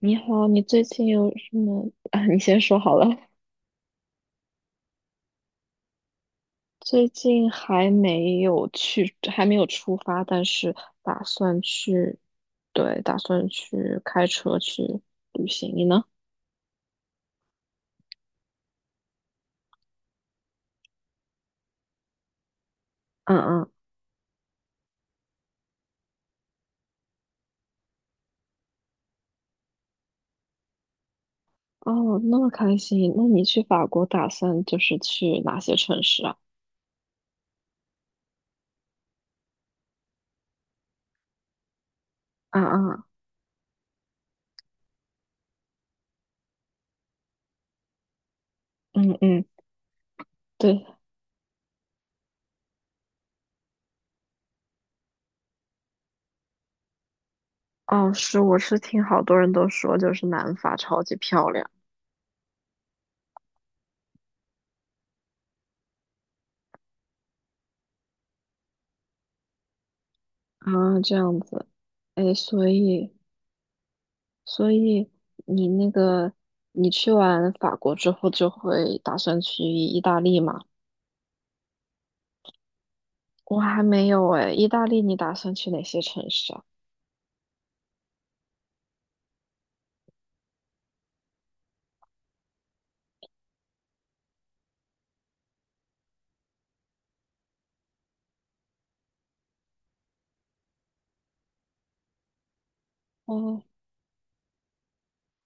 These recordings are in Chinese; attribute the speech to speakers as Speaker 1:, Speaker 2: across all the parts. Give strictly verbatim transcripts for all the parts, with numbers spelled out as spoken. Speaker 1: 你好，你最近有什么啊？你先说好了。最近还没有去，还没有出发，但是打算去，对，打算去开车去旅行。你呢？嗯嗯。哦，那么开心。那你去法国打算就是去哪些城市啊？嗯嗯嗯嗯，对。哦，是，我是听好多人都说，就是南法超级漂亮。啊，这样子。哎，所以，所以你那个，你去完法国之后就会打算去意大利吗？我还没有哎，意大利你打算去哪些城市啊？哦，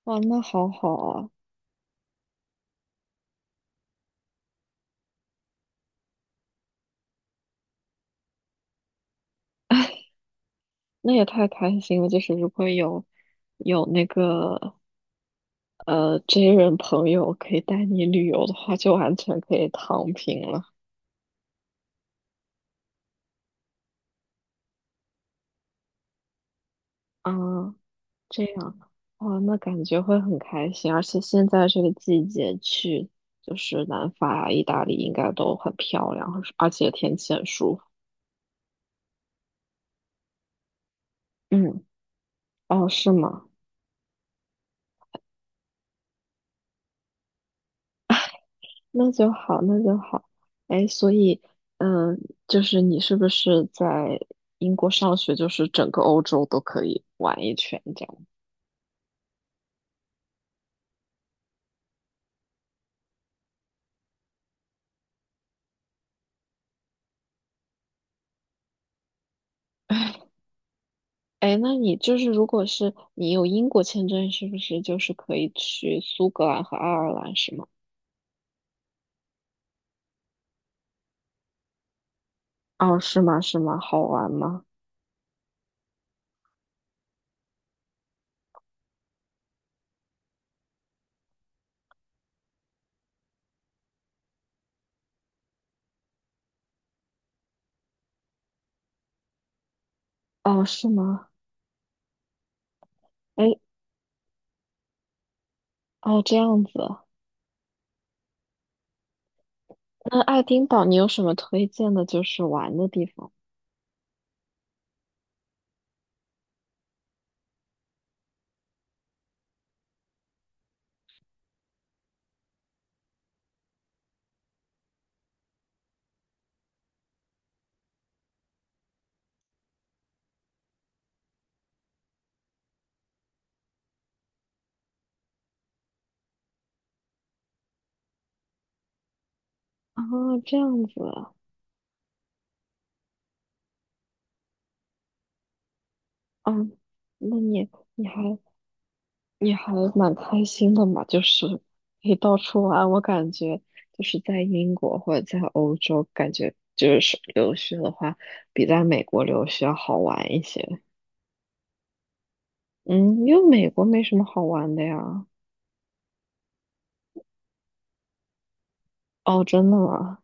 Speaker 1: 哇，那好好啊，那也太开心了！就是如果有有那个呃 J 人朋友可以带你旅游的话，就完全可以躺平了。啊，这样。哦，那感觉会很开心，而且现在这个季节去，就是南法、意大利应该都很漂亮，而且天气很舒服。嗯，哦，是吗？那就好，那就好。哎，所以，嗯，就是你是不是在英国上学，就是整个欧洲都可以玩一圈这样？哎，那你就是如果是你有英国签证，是不是就是可以去苏格兰和爱尔兰，是吗？哦，是吗？是吗？好玩吗？哦，是吗？哎，哦，这样子。那爱丁堡你有什么推荐的，就是玩的地方？啊？这样子啊。嗯，那你你还你还蛮开心的嘛，就是可以到处玩。我感觉就是在英国或者在欧洲，感觉就是留学的话，比在美国留学要好玩一些。嗯，因为美国没什么好玩的呀。哦，真的吗？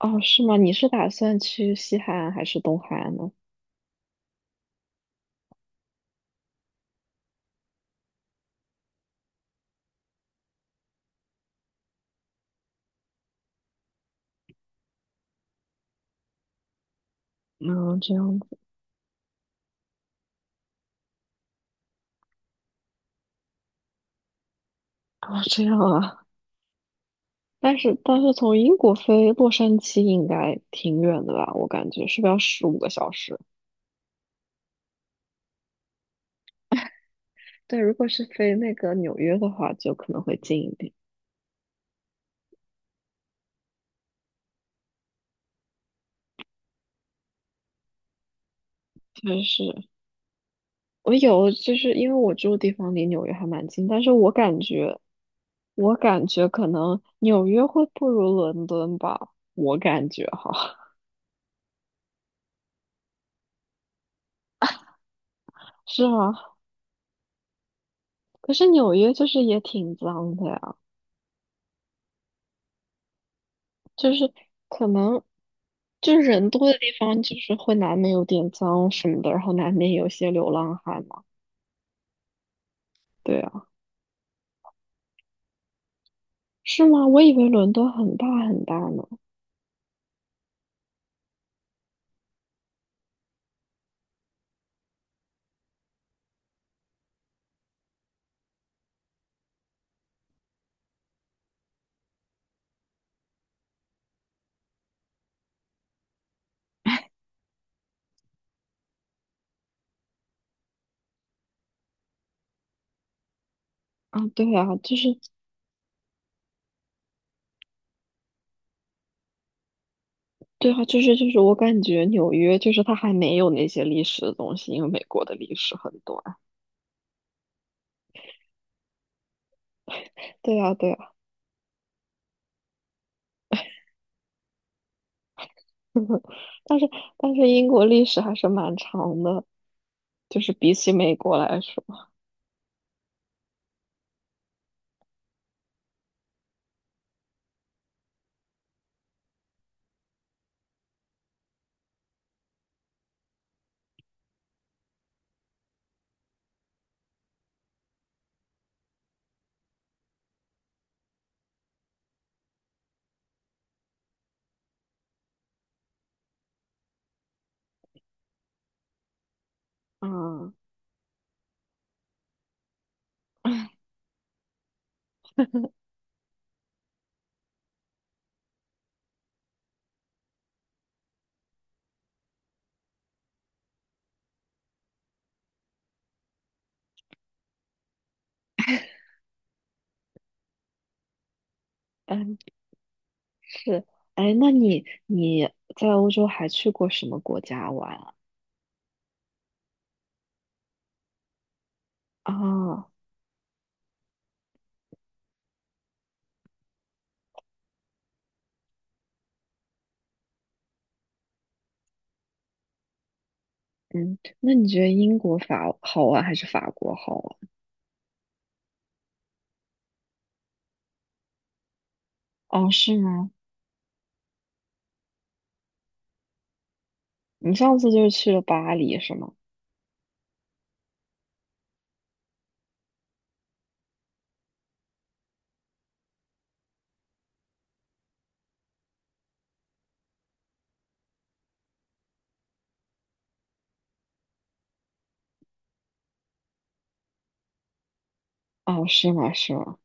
Speaker 1: 哦，是吗？你是打算去西海岸还是东海岸呢？嗯，这样子。哦，这样啊。但是但是从英国飞洛杉矶应该挺远的吧？我感觉是不是要十五个小时？对，如果是飞那个纽约的话，就可能会近一点。确实，我有就是因为我住的地方离纽约还蛮近，但是我感觉我感觉可能纽约会不如伦敦吧，我感觉哈。是吗？可是纽约就是也挺脏的呀。就是可能就是人多的地方，就是会难免有点脏什么的，然后难免有些流浪汉嘛。对啊，是吗？我以为伦敦很大很大呢。啊，对啊，就是对啊，就是就是我感觉纽约就是它还没有那些历史的东西，因为美国的历史很短。对啊，对啊，但是但是英国历史还是蛮长的，就是比起美国来说，嗯，嗯是。哎，那你你在欧洲还去过什么国家玩啊？啊，嗯，那你觉得英国法好玩还是法国好玩？哦，是吗？你上次就是去了巴黎是吗？哦，是吗？是吗？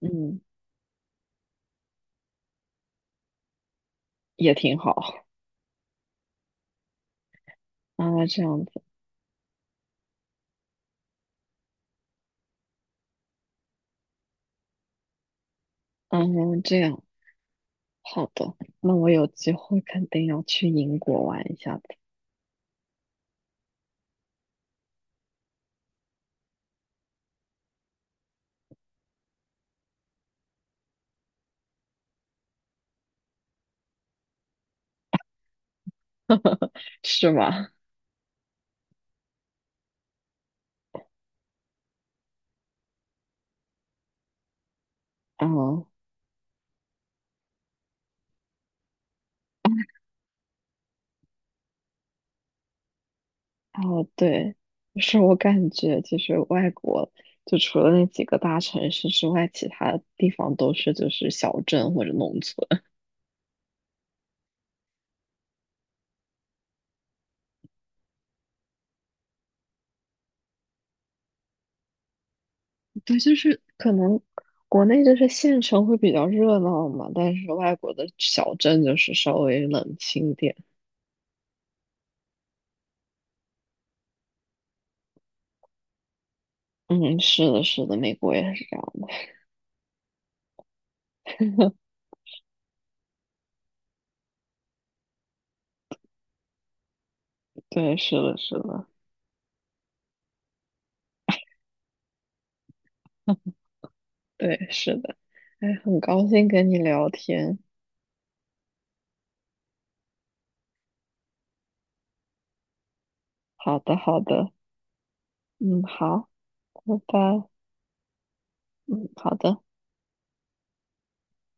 Speaker 1: 嗯，也挺好。啊，这样子，嗯，这样，好的，那我有机会肯定要去英国玩一下的，是吗？嗯，哦，对，就是我感觉就是外国，就除了那几个大城市之外，其他地方都是就是小镇或者农村。对，就是可能国内就是县城会比较热闹嘛，但是外国的小镇就是稍微冷清点。嗯，是的，是的，美国也是这样的。对，是的，是的，对，是的。哎，很高兴跟你聊天。好的，好的。嗯，好，拜拜。嗯，好的。